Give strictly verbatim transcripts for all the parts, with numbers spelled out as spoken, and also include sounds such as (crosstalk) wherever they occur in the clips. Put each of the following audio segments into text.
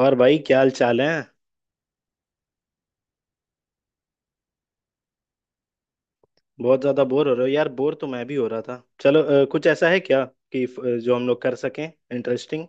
और भाई क्या हाल चाल है। बहुत ज्यादा बोर हो रहे हो यार। बोर तो मैं भी हो रहा था। चलो, अ, कुछ ऐसा है क्या कि अ, जो हम लोग कर सकें, इंटरेस्टिंग।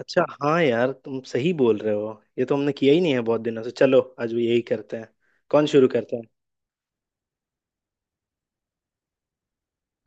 अच्छा, हाँ यार, तुम सही बोल रहे हो। ये तो हमने किया ही नहीं है बहुत दिनों से। चलो आज भी यही करते हैं। कौन शुरू करता है?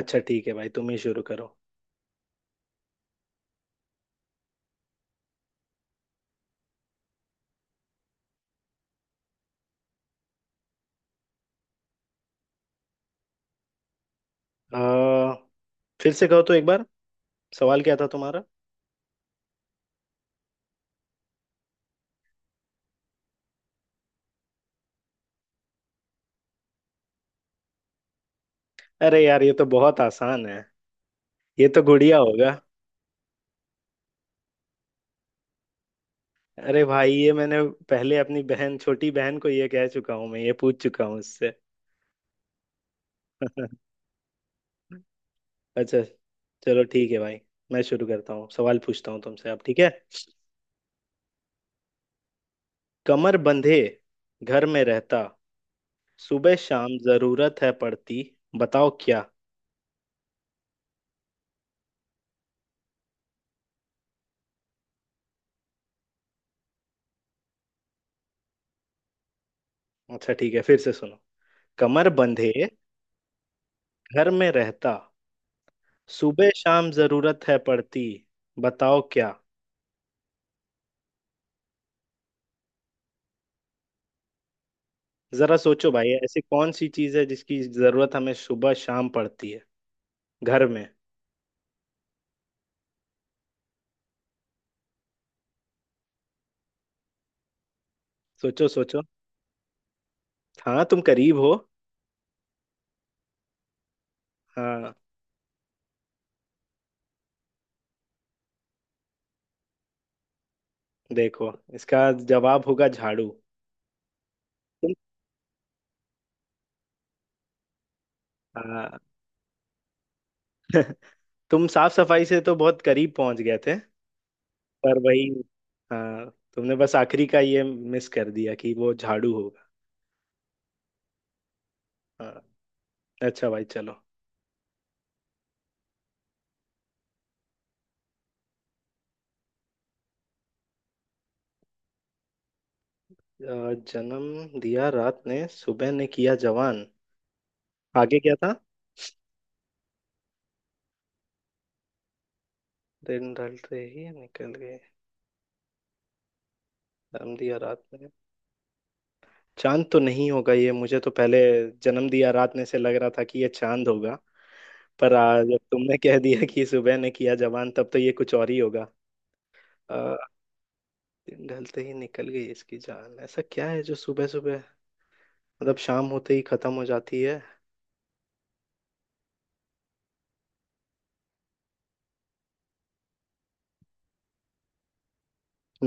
अच्छा ठीक है भाई, तुम ही शुरू करो। आ, फिर से कहो तो एक बार। सवाल क्या था तुम्हारा? अरे यार, ये तो बहुत आसान है। ये तो गुड़िया होगा। अरे भाई, ये मैंने पहले अपनी बहन, छोटी बहन को ये कह चुका हूँ, मैं ये पूछ चुका हूँ उससे। (laughs) अच्छा, चलो ठीक है भाई, मैं शुरू करता हूँ। सवाल पूछता हूँ तुमसे अब, ठीक है? कमर बंधे, घर में रहता, सुबह शाम जरूरत है पड़ती, बताओ क्या। अच्छा ठीक है, फिर से सुनो। कमर बंधे, घर में रहता, सुबह शाम जरूरत है पड़ती, बताओ क्या। जरा सोचो भाई, ऐसी कौन सी चीज है जिसकी जरूरत हमें सुबह शाम पड़ती है घर में। सोचो सोचो। हाँ तुम करीब हो। हाँ, देखो, इसका जवाब होगा झाड़ू। तुम। हाँ। (laughs) तुम साफ सफाई से तो बहुत करीब पहुंच गए थे। पर वही, हाँ, तुमने बस आखिरी का ये मिस कर दिया कि वो झाड़ू होगा। हाँ। अच्छा भाई चलो। अ, जन्म दिया रात ने, सुबह ने किया जवान। आगे क्या था? दिन ढलते ही निकल गए, जन्म दिया रात ने, चांद तो नहीं होगा ये। मुझे तो पहले जन्म दिया रात ने से लग रहा था कि ये चांद होगा, पर आ, जब तुमने कह दिया कि सुबह ने किया जवान, तब तो ये कुछ और ही होगा। दिन ढलते ही निकल गई इसकी जान, ऐसा क्या है जो सुबह सुबह, मतलब शाम होते ही खत्म हो जाती है।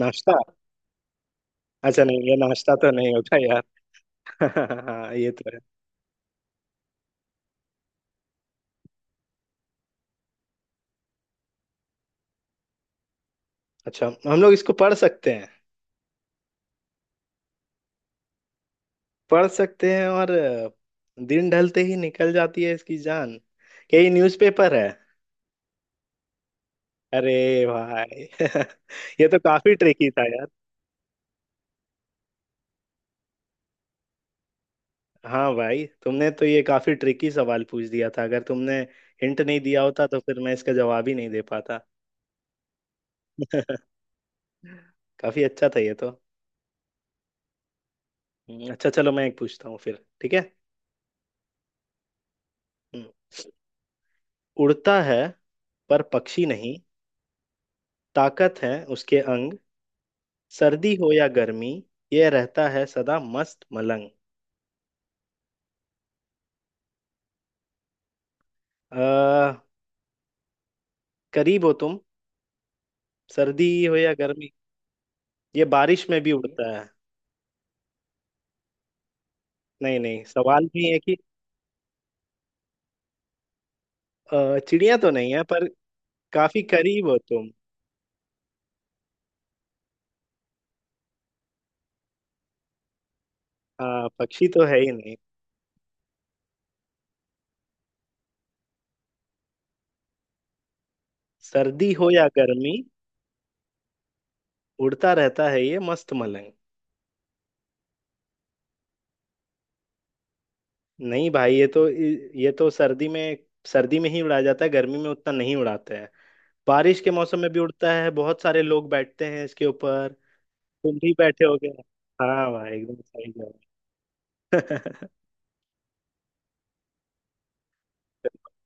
नाश्ता। अच्छा नहीं, ये नाश्ता तो नहीं होता यार। (laughs) हाँ, ये तो है। अच्छा, हम लोग इसको पढ़ सकते हैं। पढ़ सकते हैं और अ, दिन ढलते ही निकल जाती है इसकी जान, क्या ये न्यूज़पेपर है? अरे भाई, (laughs) ये तो काफी ट्रिकी था यार। हाँ भाई, तुमने तो ये काफी ट्रिकी सवाल पूछ दिया था। अगर तुमने हिंट नहीं दिया होता तो फिर मैं इसका जवाब ही नहीं दे पाता। (laughs) काफी अच्छा था ये तो। हम्म, अच्छा, चलो मैं एक पूछता हूँ फिर, ठीक है? हम्म। उड़ता है पर पक्षी नहीं, ताकत है उसके अंग, सर्दी हो या गर्मी, ये रहता है सदा मस्त मलंग। आ, करीब हो तुम। सर्दी हो या गर्मी, ये बारिश में भी उड़ता है। नहीं नहीं, सवाल भी है कि अ, चिड़िया तो नहीं है, पर काफी करीब हो तुम। हाँ, पक्षी तो है ही नहीं। सर्दी हो या गर्मी, उड़ता रहता है ये मस्त मलंग। नहीं भाई, ये तो ये तो सर्दी में, सर्दी में ही उड़ाया जाता है, गर्मी में उतना नहीं उड़ाते हैं। बारिश के मौसम में भी उड़ता है, बहुत सारे लोग बैठते हैं इसके ऊपर, तुम भी बैठे होगे। हाँ भाई, एकदम सही जवाब। (laughs)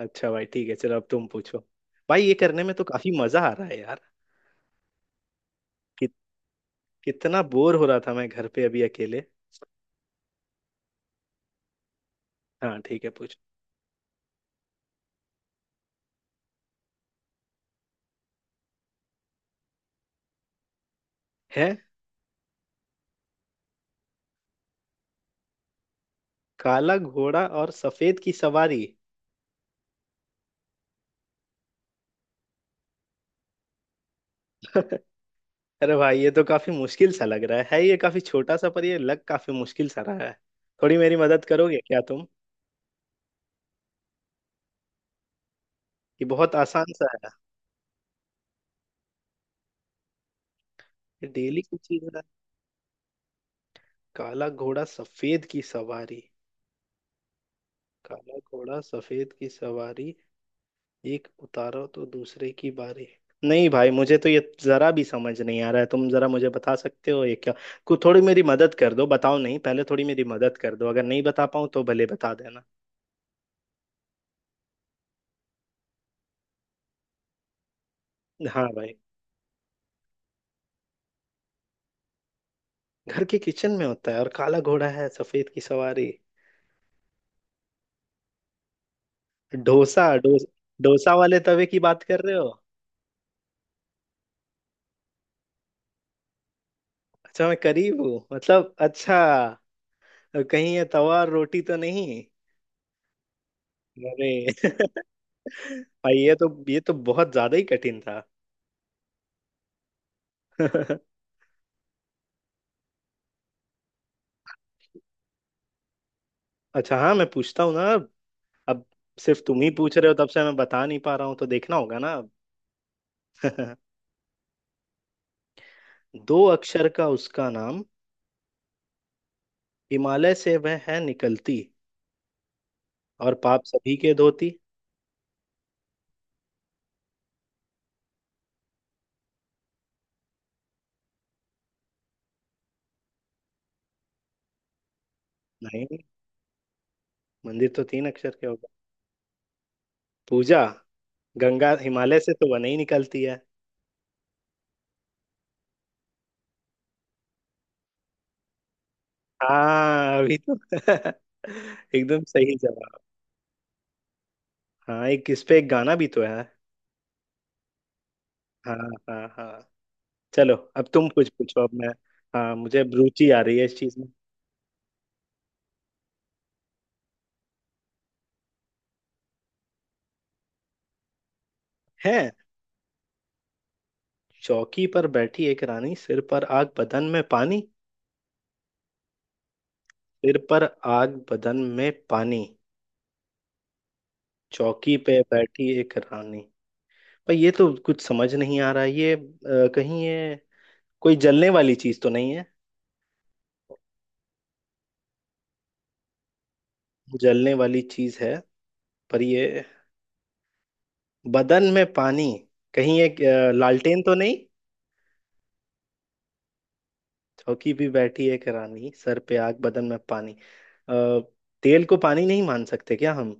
अच्छा भाई ठीक है, चलो अब तुम पूछो। भाई, ये करने में तो काफी मजा आ रहा है यार, कि, कितना बोर हो रहा था मैं घर पे अभी अकेले। हाँ ठीक है, पूछ। है, काला घोड़ा और सफेद की सवारी। अरे भाई, ये तो काफी मुश्किल सा लग रहा है। है ये काफी छोटा सा, पर ये लग काफी मुश्किल सा रहा है। थोड़ी मेरी मदद करोगे क्या तुम, कि बहुत आसान सा है? ये डेली की चीज है। काला घोड़ा सफेद की सवारी, काला घोड़ा सफेद की सवारी, एक उतारो तो दूसरे की बारी। नहीं भाई, मुझे तो ये जरा भी समझ नहीं आ रहा है। तुम जरा मुझे बता सकते हो ये क्या को, थोड़ी मेरी मदद कर दो, बताओ नहीं, पहले थोड़ी मेरी मदद कर दो, अगर नहीं बता पाऊँ तो भले बता देना। हाँ भाई। घर के किचन में होता है और काला घोड़ा है सफेद की सवारी? डोसा, डो, डोसा वाले तवे की बात कर रहे हो? अच्छा, मैं करीब हूँ मतलब, अच्छा, कहीं ये तवा और रोटी तो नहीं? अरे (laughs) भाई, ये तो ये तो बहुत ज्यादा ही कठिन था। अच्छा हाँ, मैं पूछता हूँ ना अब अब सिर्फ तुम ही पूछ रहे हो तब से, मैं बता नहीं पा रहा हूँ, तो देखना होगा ना अब। (laughs) दो अक्षर का उसका नाम, हिमालय से वह है निकलती, और पाप सभी के धोती। नहीं, मंदिर तो तीन अक्षर के होगा। पूजा, गंगा, हिमालय से तो वही निकलती है। हाँ अभी तो। (laughs) एकदम सही जवाब। हाँ, एक इस पे एक गाना भी तो है। हाँ। हाँ हाँ। चलो, अब तुम कुछ पूछो, अब मैं। हाँ, मुझे अब रुचि आ रही है इस चीज में। है, चौकी पर बैठी एक रानी, सिर पर आग, बदन में पानी। सिर पर आग, बदन में पानी, चौकी पे बैठी एक रानी, पर ये तो कुछ समझ नहीं आ रहा है। ये, अ, कहीं ये कोई जलने वाली चीज तो नहीं है? जलने वाली चीज है, पर ये बदन में पानी, कहीं एक अ, लालटेन तो नहीं? चौकी भी बैठी है करानी, सर पे आग, बदन में पानी। अ, तेल को पानी नहीं मान सकते क्या हम?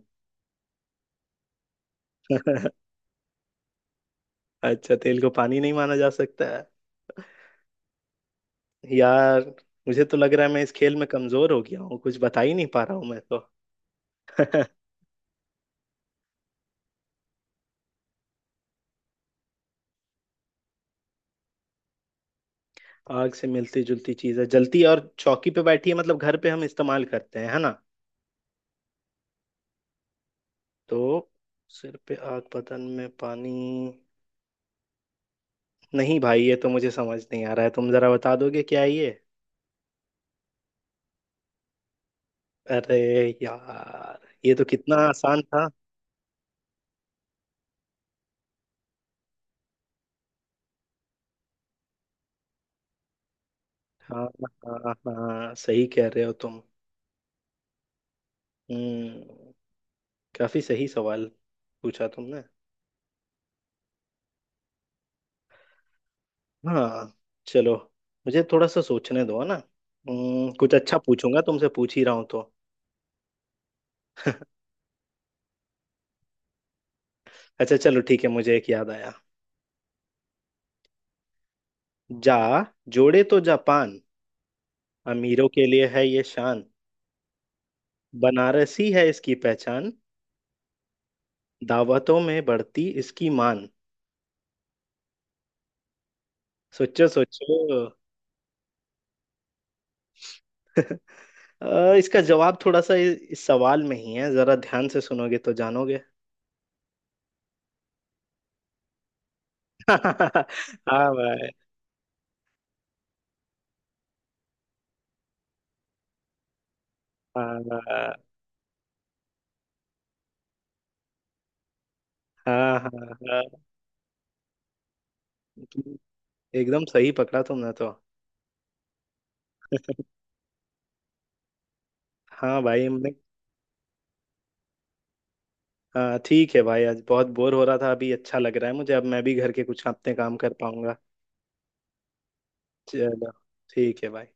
(laughs) अच्छा, तेल को पानी नहीं माना जा सकता है यार। मुझे तो लग रहा है मैं इस खेल में कमजोर हो गया हूँ, कुछ बता ही नहीं पा रहा हूँ मैं तो। (laughs) आग से मिलती जुलती चीज है, जलती, और चौकी पे बैठी है, मतलब घर पे हम इस्तेमाल करते हैं, है ना। तो सिर पे आग, बदन में पानी, नहीं भाई, ये तो मुझे समझ नहीं आ रहा है, तुम जरा बता दोगे क्या है ये? अरे यार, ये तो कितना आसान था। हाँ, हाँ हाँ, सही कह रहे हो तुम। हम्म, काफी सही सवाल पूछा तुमने। हाँ, चलो, मुझे थोड़ा सा सोचने दो, है ना। हम्म, कुछ अच्छा पूछूंगा तुमसे, पूछ ही रहा हूँ तो। अच्छा, चलो ठीक है, मुझे एक याद आया। जा, जोड़े तो जापान, अमीरों के लिए है ये शान, बनारसी है इसकी पहचान, दावतों में बढ़ती इसकी मान। सोचो सोचो। (laughs) अ, इसका जवाब थोड़ा सा इ- इस सवाल में ही है, जरा ध्यान से सुनोगे तो जानोगे। (laughs) हाँ भाई। हाँ, हाँ हाँ, हाँ तुम, एकदम सही पकड़ा तुमने तो। हाँ भाई, हमने। हाँ ठीक है भाई, आज बहुत बोर हो रहा था, अभी अच्छा लग रहा है मुझे, अब मैं भी घर के कुछ अपने काम कर पाऊंगा। चलो ठीक है भाई।